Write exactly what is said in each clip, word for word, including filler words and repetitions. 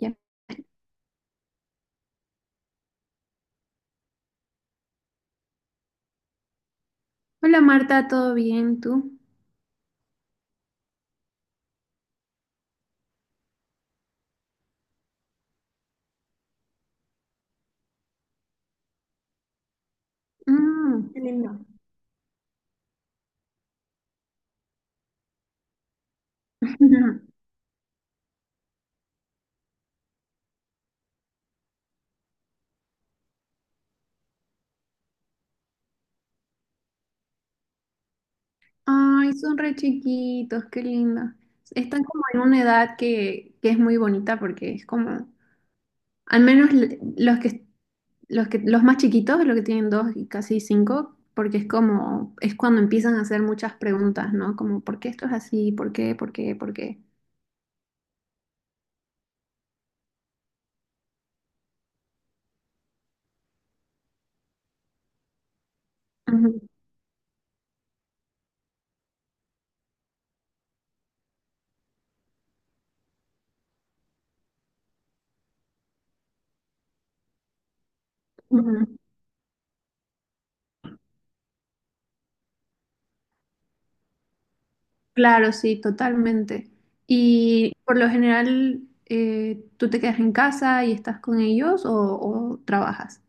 Ya. Hola Marta, ¿todo bien tú? Mm. Qué lindo. Ujú. Ay, son re chiquitos, qué lindo. Están como en una edad que, que es muy bonita porque es como, al menos l- los que, los que, los más chiquitos, los que tienen dos y casi cinco, porque es como, es cuando empiezan a hacer muchas preguntas, ¿no? Como, ¿por qué esto es así? ¿Por qué? ¿Por qué? ¿Por qué? Ujú, ujú. Claro, sí, totalmente. Y por lo general, eh, ¿tú te quedas en casa y estás con ellos o, o trabajas?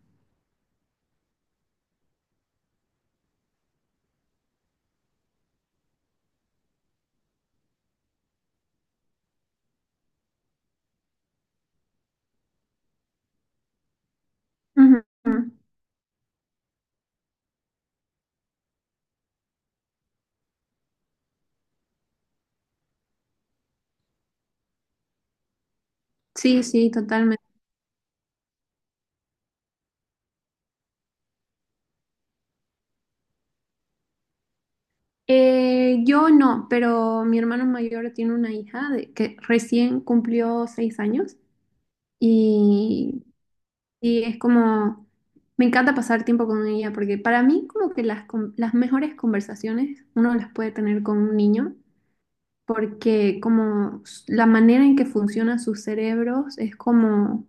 Ujú. Sí, sí, totalmente. Eh, yo no, pero mi hermano mayor tiene una hija de, que recién cumplió seis años, y, y es como, me encanta pasar tiempo con ella porque para mí como que las, con- las mejores conversaciones uno las puede tener con un niño porque como s- la manera en que funcionan sus cerebros es como,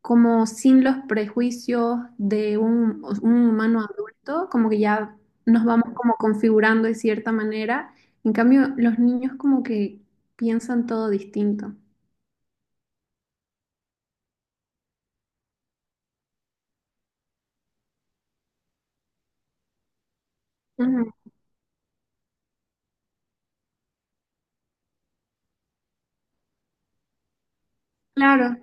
como sin los prejuicios de un, un humano adulto, como que ya nos vamos como configurando de cierta manera. En cambio, los niños como que piensan todo distinto. Ujú. Claro,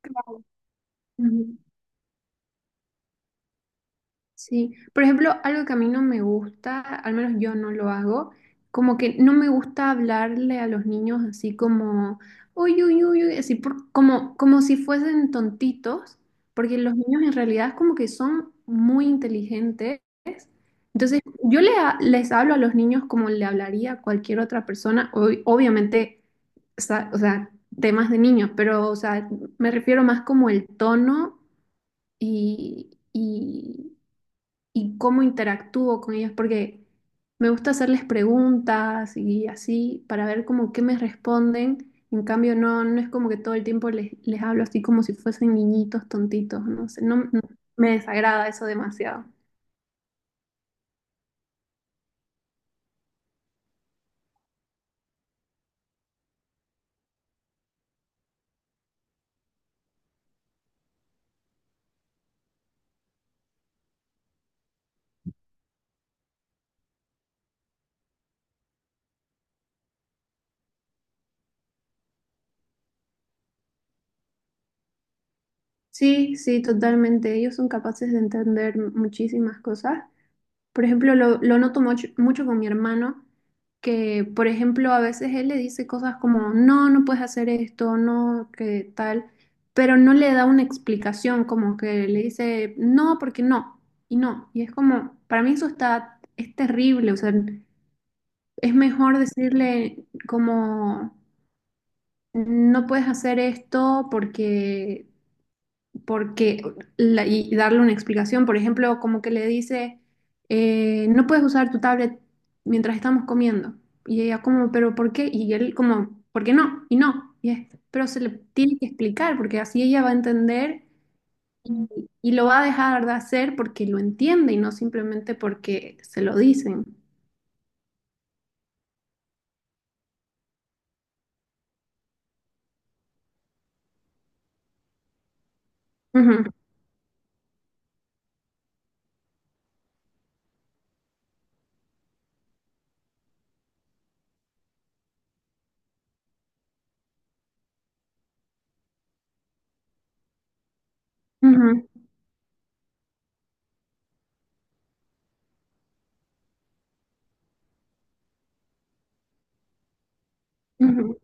claro. Ujú. Sí, por ejemplo, algo que a mí no me gusta, al menos yo no lo hago, como que no me gusta hablarle a los niños así como, "uy, uy, uy, uy", así por- como, como si fuesen tontitos, porque los niños en realidad como que son muy inteligentes. Entonces, yo le ha- les hablo a los niños como le hablaría a cualquier otra persona, ob- obviamente, sa- o sea, temas de niños, pero, o sea, me refiero más como el tono y... y y cómo interactúo con ellos, porque me gusta hacerles preguntas y así para ver como qué me responden. En cambio, no, no es como que todo el tiempo les, les hablo así como si fuesen niñitos tontitos, no sé, no, no- me desagrada eso demasiado. Sí, sí, totalmente. Ellos son capaces de entender muchísimas cosas. Por ejemplo, lo, lo noto mucho, mucho con mi hermano, que por ejemplo a veces él le dice cosas como, no, no puedes hacer esto, no, que tal, pero no le da una explicación, como que le dice, no, porque no, y no. Y es como, para mí eso está, es terrible, o sea, es mejor decirle como, no puedes hacer esto porque porque la- y darle una explicación, por ejemplo, como que le dice, eh, no puedes usar tu tablet mientras estamos comiendo. Y ella como, pero ¿por qué? Y él como, ¿por qué no? Y no. Y es, pero se le tiene que explicar porque así ella va a entender y, y lo va a dejar de hacer porque lo entiende y no simplemente porque se lo dicen. Ujú, ujú, ujú.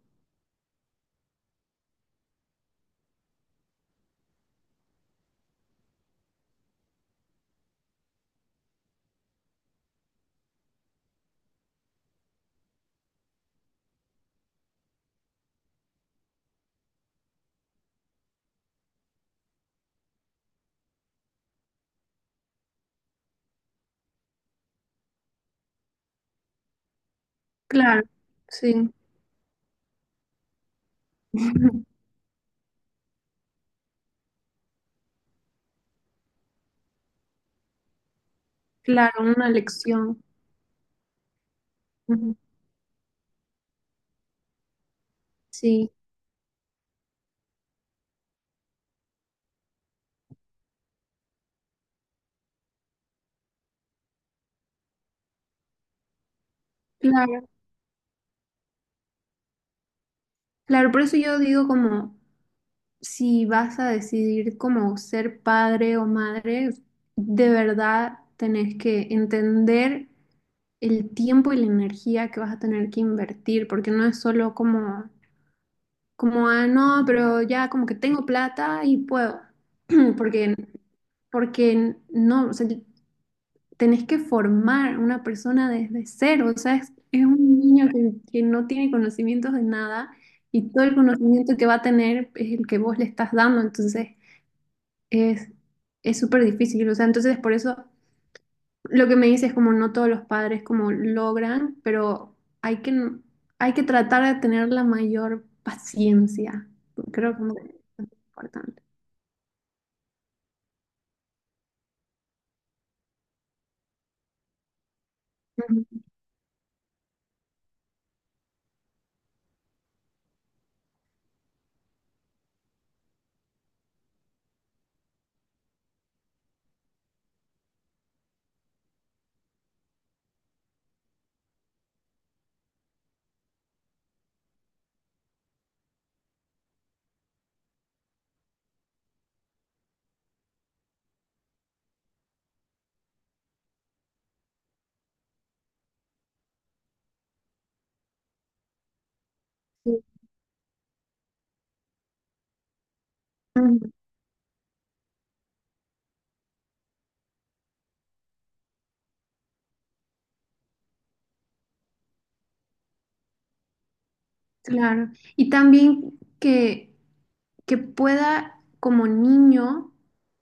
Claro, sí. Claro, una lección. Ujú. Sí, claro. Claro, por eso yo digo como si vas a decidir como ser padre o madre, de verdad tenés que entender el tiempo y la energía que vas a tener que invertir, porque no es solo como, como, ah, no, pero ya como que tengo plata y puedo, porque, porque no, o sea, tenés que formar una persona desde cero, o sea, es, es un niño que, que no tiene conocimientos de nada. Y todo el conocimiento que va a tener es el que vos le estás dando. Entonces, es, es súper difícil, o sea, entonces por eso lo que me dices es como no todos los padres como logran, pero hay que, hay que tratar de tener la mayor paciencia. Creo que es importante. Ujú. Sí. Ujú. Claro. Y también que, que pueda como niño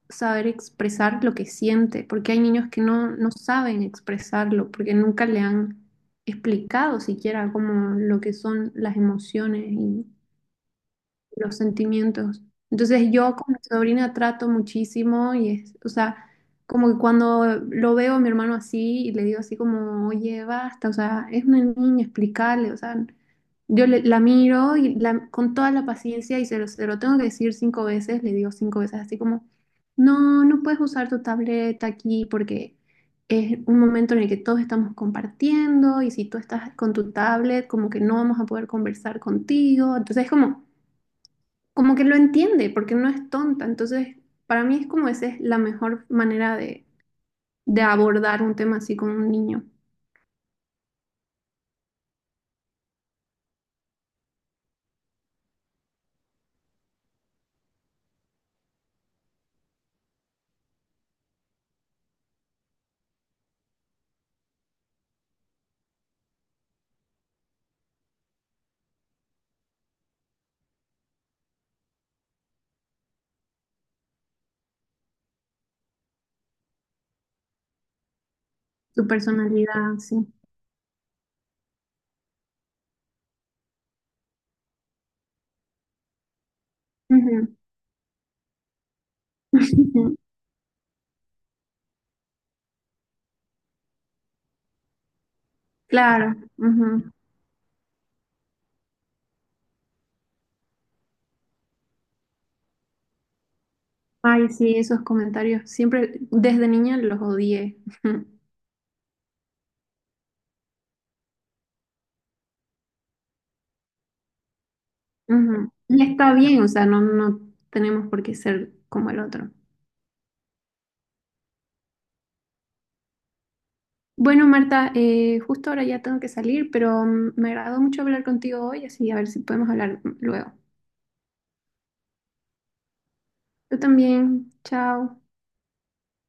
saber expresar lo que siente, porque hay niños que no, no saben expresarlo, porque nunca le han explicado siquiera como lo que son las emociones, los sentimientos. Entonces yo con mi sobrina trato muchísimo y es, o sea, como que cuando lo veo a mi hermano así y le digo así como, oye, basta, o sea, es una niña, explicarle, o sea, yo le- la miro y la- con toda la paciencia y se lo, se lo tengo que decir cinco veces, le digo cinco veces así como, no, no puedes usar tu tableta aquí porque es un momento en el que todos estamos compartiendo y si tú estás con tu tablet, como que no vamos a poder conversar contigo. Entonces es como como que lo entiende, porque no es tonta. Entonces, para mí es como esa es la mejor manera de, de abordar un tema así con un niño, su personalidad, sí. Ujú. Claro. Ujú. Ay, sí, esos comentarios. Siempre, desde niña los odié. Ujú. Y está bien, o sea, no, no tenemos por qué ser como el otro. Bueno, Marta, eh, justo ahora ya tengo que salir, pero mm, me agradó mucho hablar contigo hoy, así a ver si podemos hablar luego. Yo también, chao.